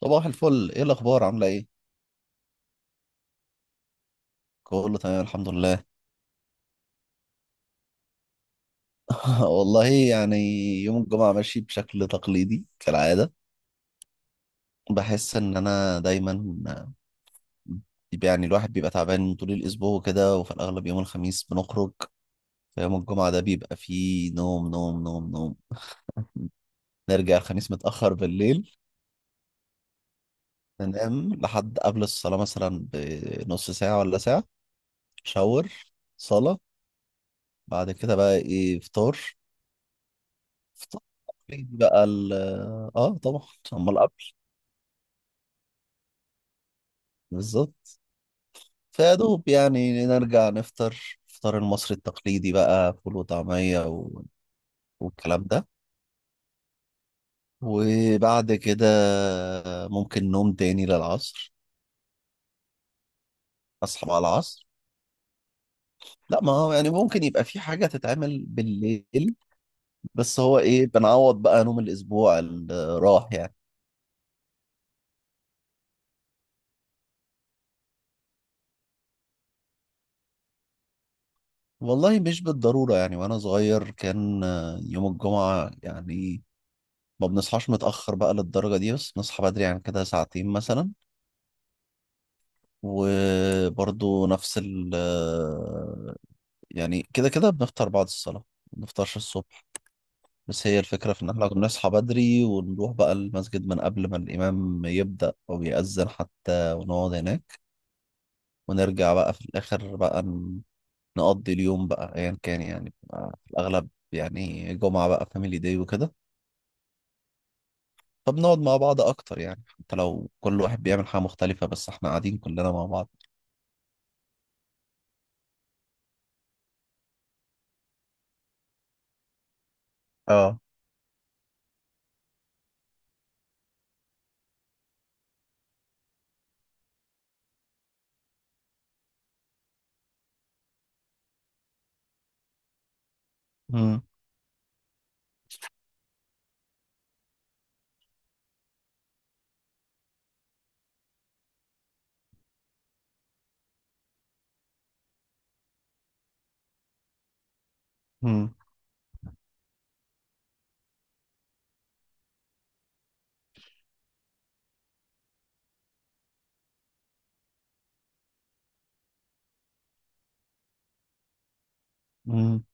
صباح الفل، ايه الاخبار؟ عامله ايه؟ كله تمام الحمد لله. والله يعني، يوم الجمعه ماشي بشكل تقليدي كالعاده. بحس ان انا دايما، يعني الواحد بيبقى تعبان طول الاسبوع وكده، وفي الاغلب يوم الخميس بنخرج. فيوم الجمعه ده بيبقى فيه نوم نوم نوم نوم، نرجع الخميس متاخر بالليل، ننام لحد قبل الصلاه مثلا بنص ساعه ولا ساعه. شاور، صلاه، بعد كده بقى ايه، فطار. فطبعاً بقى ال اه طبعا. امال قبل؟ بالظبط. فيا دوب يعني نرجع نفطر الفطار المصري التقليدي بقى، فول وطعمية والكلام ده. وبعد كده ممكن نوم تاني للعصر. اصحى بقى العصر، لا ما هو يعني ممكن يبقى في حاجة تتعمل بالليل، بس هو ايه، بنعوض بقى نوم الاسبوع اللي راح يعني. والله مش بالضرورة، يعني وانا صغير كان يوم الجمعة يعني ما بنصحاش متأخر بقى للدرجة دي، بس بنصحى بدري يعني كده ساعتين مثلا. وبرضو نفس ال يعني كده كده بنفطر بعد الصلاة، ما بنفطرش الصبح. بس هي الفكرة في إن إحنا بنصحى بدري ونروح بقى المسجد من قبل ما الإمام يبدأ أو يأذن حتى، ونقعد هناك. ونرجع بقى في الآخر بقى نقضي اليوم بقى أيا كان، يعني بقى في الأغلب يعني جمعة بقى فاميلي داي وكده. طب نقعد مع بعض اكتر، يعني حتى لو كل واحد بيعمل حاجة مختلفة بس احنا قاعدين كلنا مع بعض. اه. مم. مم. مم.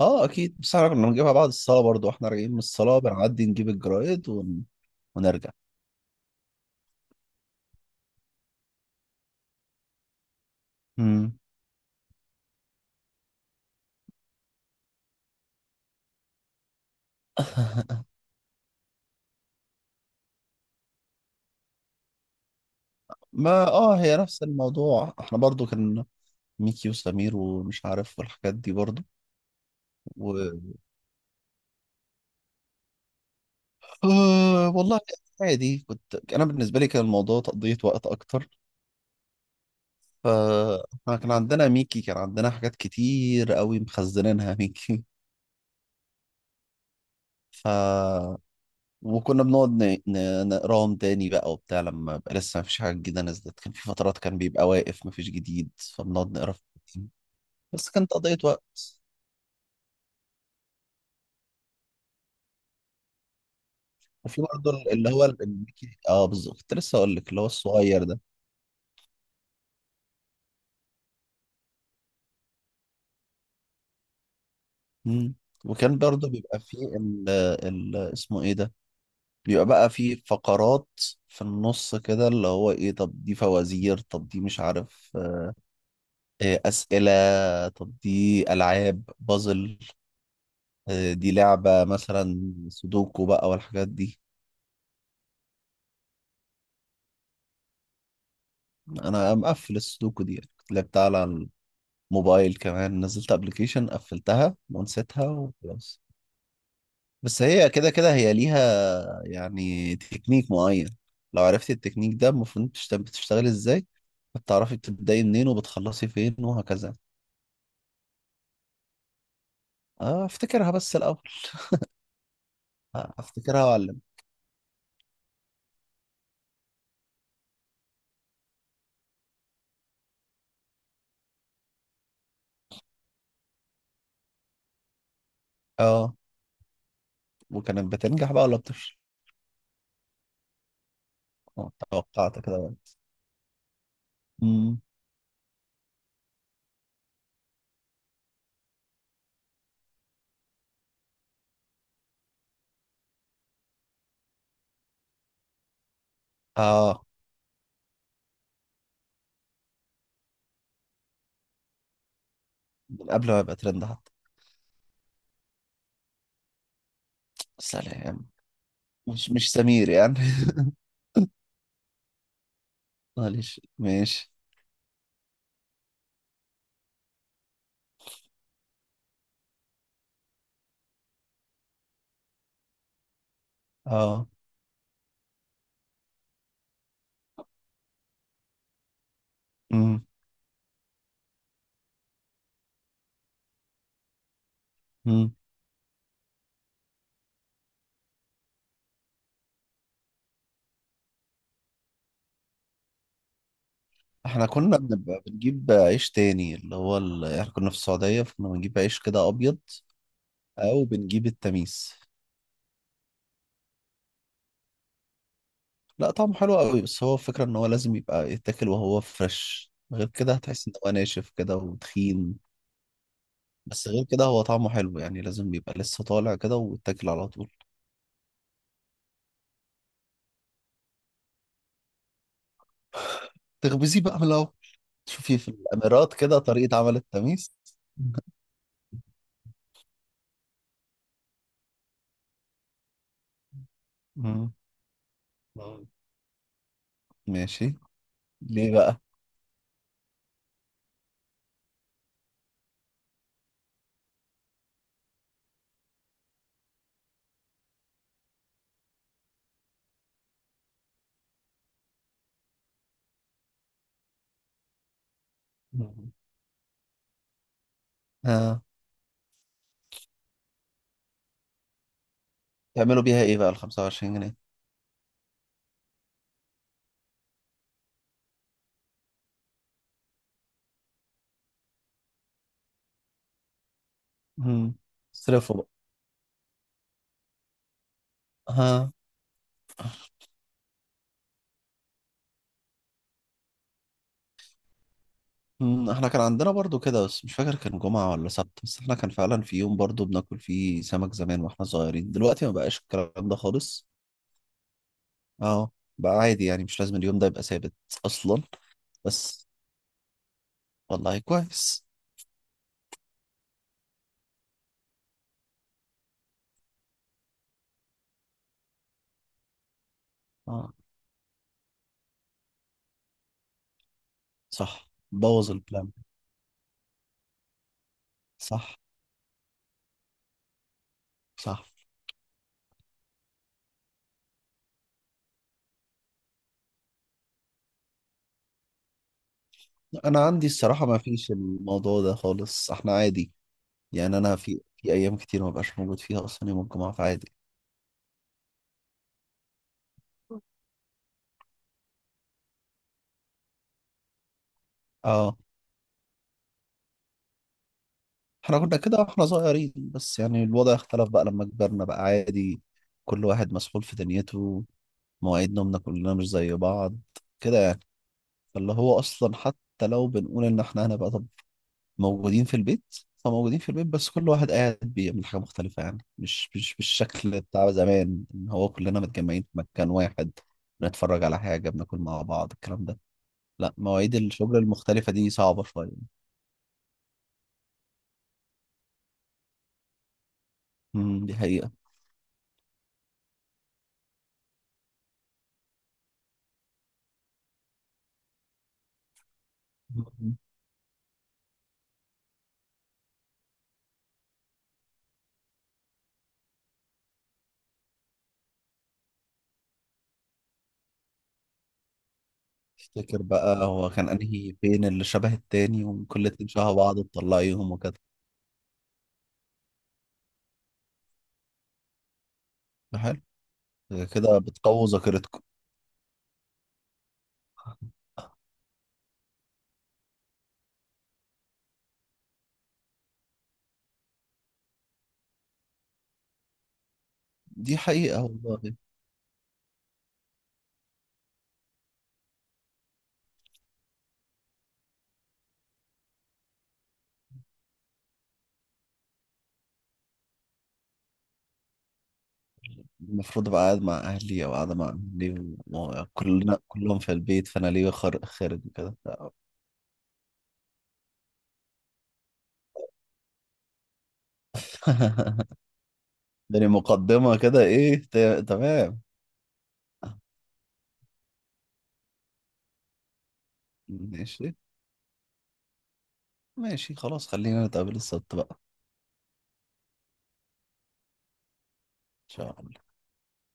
اه اكيد، بس احنا كنا بنجيبها بعد الصلاة برضو، واحنا راجعين من الصلاة بنعدي نجيب الجرايد ون... ونرجع. مم. ما اه هي نفس الموضوع، احنا برضو كان ميكي وسمير ومش عارف والحاجات دي برضو. و... آه والله، عادي، كنت انا بالنسبة لي كان الموضوع تقضية وقت اكتر. فاحنا كان عندنا ميكي، كان عندنا حاجات كتير قوي مخزنينها ميكي. ف وكنا بنقعد نقراهم تاني بقى وبتاع، لما يبقى لسه مفيش حاجة جديدة نزلت، كان في فترات كان بيبقى واقف مفيش جديد فبنقعد نقرا في القديم. بس كانت قضية وقت. وفي برضه اللي هو الميكي، اه بالظبط، كنت لسه اقول لك اللي هو الصغير ده. مم. وكان برضه بيبقى فيه اسمه ايه ده، بيبقى بقى فيه فقرات في النص كده، اللي هو ايه، طب دي فوازير، طب دي مش عارف، أسئلة، طب دي ألعاب بازل، دي لعبة مثلا سودوكو بقى والحاجات دي. أنا مقفل السودوكو دي، يعني كنت لعبتها على الموبايل كمان، نزلت أبلكيشن، قفلتها ونسيتها وخلاص. بس هي كده كده هي ليها يعني تكنيك معين، لو عرفتي التكنيك ده المفروض بتشتغلي ازاي، بتعرفي بتبدأي منين وبتخلصي فين وهكذا. افتكرها بس الأول. افتكرها وأعلم. اه، وكانت بتنجح بقى ولا بتفشل؟ توقعت كده برضه. مم. اه، من قبل ما يبقى ترند حتى. سلام. مش سمير يعني. معلش ماشي. اه. امم. امم. احنا كنا بنبقى بنجيب عيش تاني اللي هو احنا كنا في السعودية فكنا بنجيب عيش كده ابيض، او بنجيب التميس. لا طعمه حلو قوي، بس هو الفكرة ان هو لازم يبقى يتاكل وهو فريش، غير كده هتحس ان هو ناشف كده وتخين. بس غير كده هو طعمه حلو يعني، لازم يبقى لسه طالع كده ويتاكل على طول. تخبزيه بقى من الأول. شوفي في الامارات كده طريقة عمل التميس. مم. مم. ماشي. ليه بقى؟ مم. ها. تعملوا بيها ايه بقى ال 25 جنيه؟ مم. صرفوا بقى. ها. مم. احنا كان عندنا برضو كده، بس مش فاكر كان جمعة ولا سبت، بس احنا كان فعلا في يوم برضو بناكل فيه سمك زمان واحنا صغيرين، دلوقتي ما بقاش الكلام ده خالص. اه. بقى عادي يعني، مش لازم اليوم ده يبقى ثابت اصلا. بس. والله كويس. اه. صح، بوظ البلان. صح. صح. انا عندي الصراحه ما فيش الموضوع ده خالص، احنا عادي يعني. انا في ايام كتير ما بقاش موجود فيها اصلا يوم الجمعه، فعادي. اه. احنا كنا كده واحنا صغيرين بس يعني الوضع اختلف بقى لما كبرنا بقى عادي. كل واحد مسحول في دنيته، مواعيد نومنا كلنا مش زي بعض كده يعني. فاللي هو اصلا حتى لو بنقول ان احنا هنبقى موجودين في البيت، فموجودين في البيت بس كل واحد قاعد بيعمل حاجة مختلفة، يعني مش بالشكل بتاع زمان ان هو كلنا متجمعين في مكان واحد. بنتفرج على حاجة، بناكل مع بعض، الكلام ده. لا مواعيد الشغل المختلفة دي صعبة شوية. دي حقيقة. مم. تفتكر بقى هو كان انهي فين اللي شبه التاني وكل اتنين شبه بعض تطلعيهم وكده. ده حلو. ده كده بتقوي ذاكرتكم. دي حقيقة والله. المفروض ابقى قاعد مع اهلي او قاعده مع اهلي وكلنا كلهم في البيت، فانا ليه خارج؟ خارج وكده. يعني مقدمه كده ايه، تمام. ماشي. ماشي خلاص خلينا نتقابل السبت بقى. ان شاء الله.